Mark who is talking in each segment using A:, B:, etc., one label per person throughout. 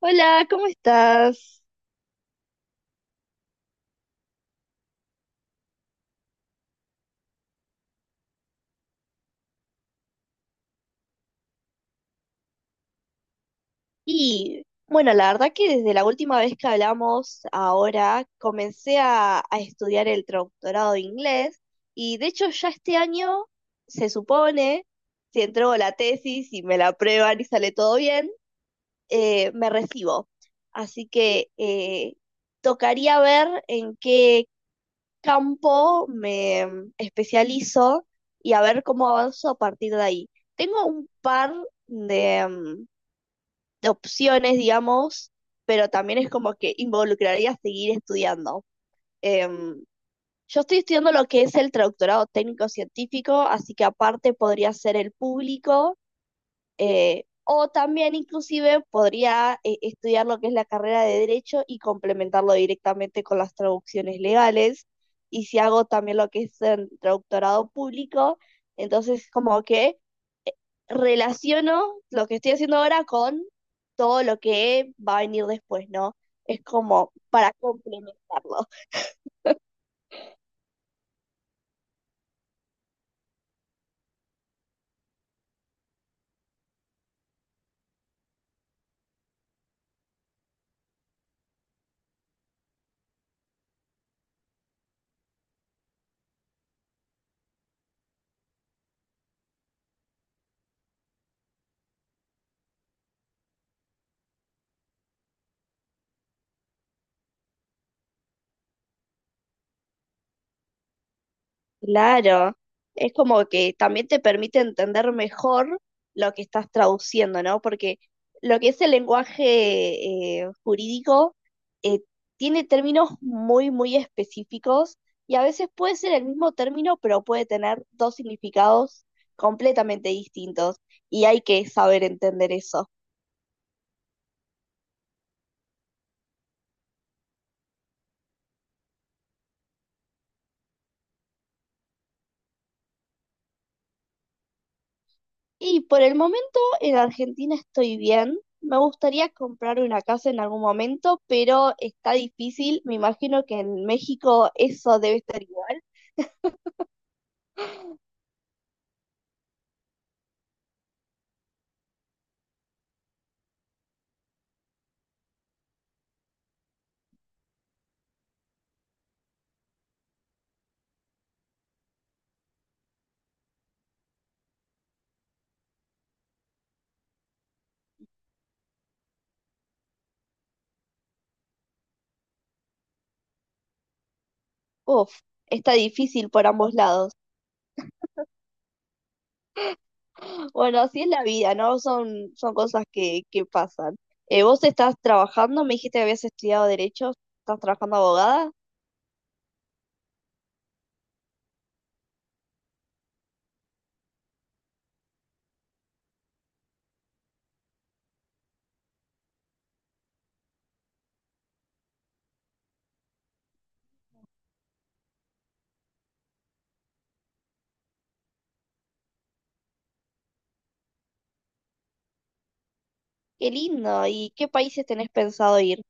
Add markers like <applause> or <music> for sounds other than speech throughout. A: Hola, ¿cómo estás? Y bueno, la verdad que desde la última vez que hablamos, ahora comencé a estudiar el doctorado de inglés y de hecho ya este año se supone, si entrego la tesis y me la aprueban y sale todo bien, me recibo. Así que tocaría ver en qué campo me especializo y a ver cómo avanzo a partir de ahí. Tengo un par de... mm, de opciones, digamos, pero también es como que involucraría seguir estudiando. Em, yo estoy estudiando lo que es el traductorado técnico-científico, así que aparte podría ser el público, o también inclusive podría estudiar lo que es la carrera de derecho y complementarlo directamente con las traducciones legales. Y si hago también lo que es el traductorado público, entonces como que relaciono lo que estoy haciendo ahora con todo lo que va a venir después, ¿no? Es como para complementarlo. Claro, es como que también te permite entender mejor lo que estás traduciendo, ¿no? Porque lo que es el lenguaje jurídico eh, tiene términos muy, muy específicos y a veces puede ser el mismo término, pero puede tener dos significados completamente distintos y hay que saber entender eso. Y por el momento en Argentina estoy bien. Me gustaría comprar una casa en algún momento, pero está difícil. Me imagino que en México eso debe estar igual. Uf, está difícil por ambos lados. Bueno, así es la vida, ¿no? Son cosas que pasan. Vos estás trabajando, me dijiste que habías estudiado derecho, estás trabajando abogada. Qué lindo. ¿Y qué países tenés pensado ir?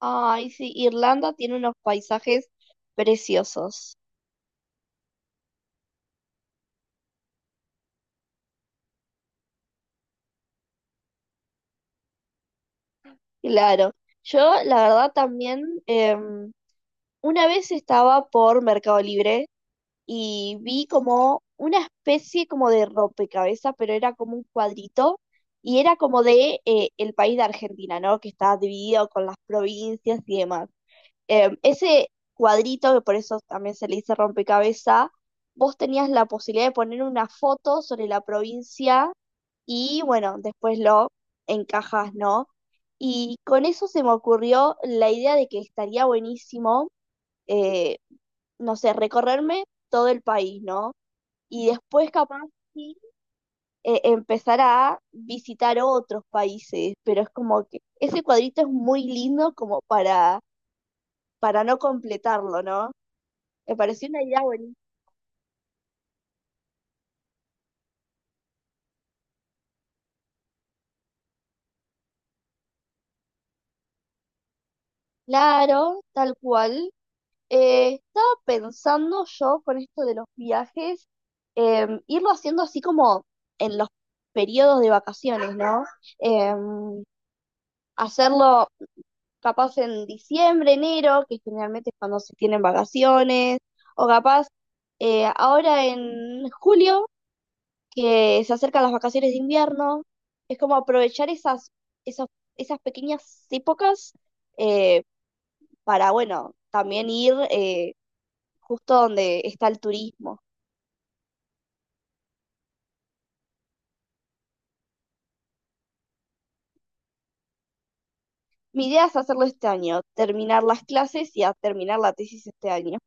A: Ay, sí, Irlanda tiene unos paisajes preciosos. Claro, yo la verdad también una vez estaba por Mercado Libre y vi como una especie como de rompecabezas, pero era como un cuadrito y era como de el país de Argentina, ¿no? Que está dividido con las provincias y demás. Ese cuadrito, que por eso también se le dice rompecabezas, vos tenías la posibilidad de poner una foto sobre la provincia y bueno, después lo encajas, ¿no? Y con eso se me ocurrió la idea de que estaría buenísimo, eh, no sé, recorrerme todo el país, ¿no? Y después capaz sí, empezar a visitar otros países, pero es como que ese cuadrito es muy lindo como para, no completarlo, ¿no? Me pareció una idea buenísima. Claro, tal cual. Estaba pensando yo con esto de los viajes, irlo haciendo así como en los periodos de vacaciones, ¿no? Em, hacerlo capaz en diciembre, enero, que generalmente es cuando se tienen vacaciones, o capaz ahora en julio, que se acercan las vacaciones de invierno, es como aprovechar esas, esas pequeñas épocas eh, para, bueno, también ir, justo donde está el turismo. Mi idea es hacerlo este año, terminar las clases y a terminar la tesis este año.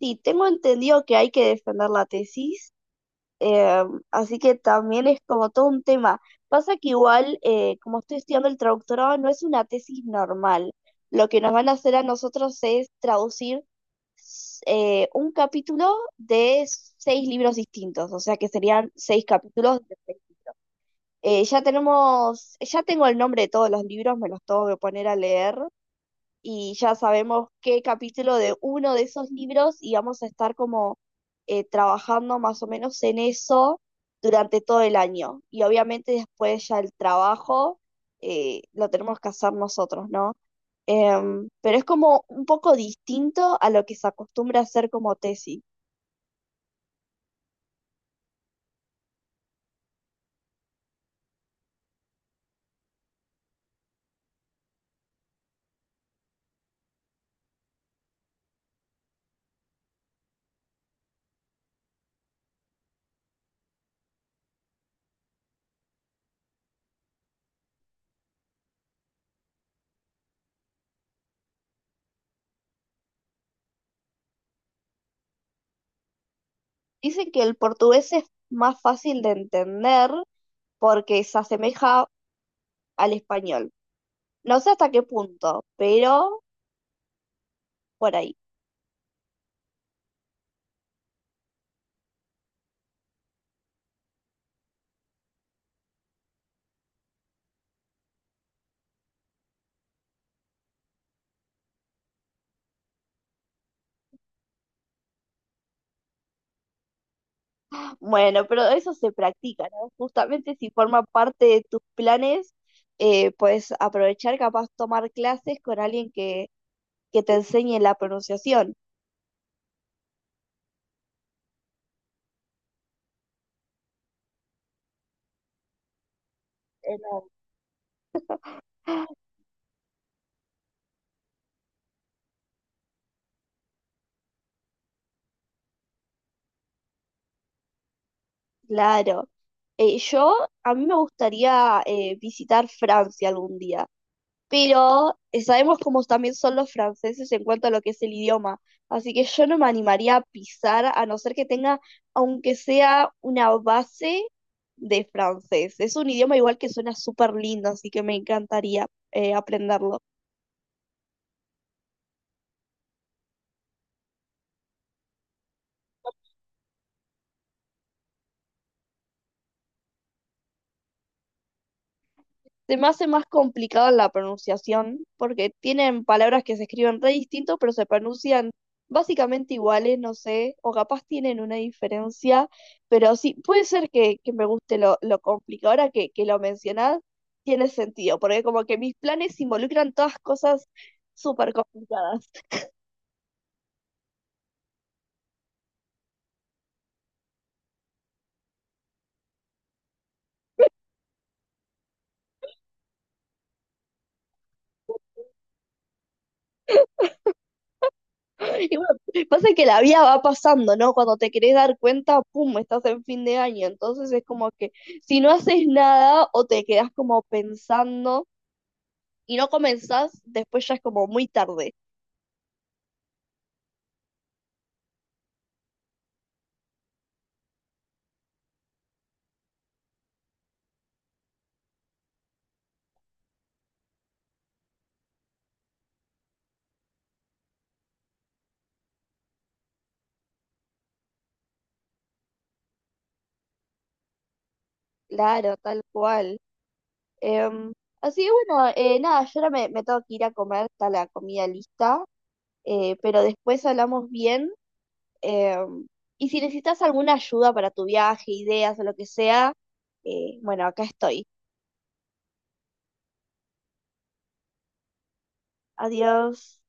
A: Sí, tengo entendido que hay que defender la tesis, eh, así que también es como todo un tema. Pasa que igual, como estoy estudiando el traductorado, no es una tesis normal. Lo que nos van a hacer a nosotros es traducir un capítulo de seis libros distintos, o sea que serían seis capítulos de. Ya tengo el nombre de todos los libros, me los tengo que poner a leer y ya sabemos qué capítulo de uno de esos libros y vamos a estar como trabajando más o menos en eso durante todo el año. Y obviamente después ya el trabajo lo tenemos que hacer nosotros, ¿no? Pero es como un poco distinto a lo que se acostumbra a hacer como tesis. Dicen que el portugués es más fácil de entender porque se asemeja al español. No sé hasta qué punto, pero por ahí. Bueno, pero eso se practica, ¿no? Justamente si forma parte de tus planes, puedes aprovechar, capaz tomar clases con alguien que, te enseñe la pronunciación. No, claro. Eh, yo, a mí me gustaría visitar Francia algún día. Pero sabemos cómo también son los franceses en cuanto a lo que es el idioma. Así que yo no me animaría a pisar a no ser que tenga, aunque sea una base de francés. Es un idioma igual que suena súper lindo, así que me encantaría aprenderlo. Se me hace más complicado la pronunciación porque tienen palabras que se escriben re distinto, pero se pronuncian básicamente iguales, no sé, o capaz tienen una diferencia, pero sí, puede ser que, me guste lo, complicado. Ahora que lo mencionás, tiene sentido, porque como que mis planes involucran todas cosas súper complicadas. <laughs> Y bueno, pasa que la vida va pasando, ¿no? Cuando te querés dar cuenta, pum, estás en fin de año. Entonces es como que si no haces nada o te quedás como pensando y no comenzás, después ya es como muy tarde. Claro, tal cual. Em, así que bueno, nada, yo ahora me, tengo que ir a comer, está la comida lista, pero después hablamos bien. em, y si necesitas alguna ayuda para tu viaje, ideas o lo que sea, bueno, acá estoy. Adiós.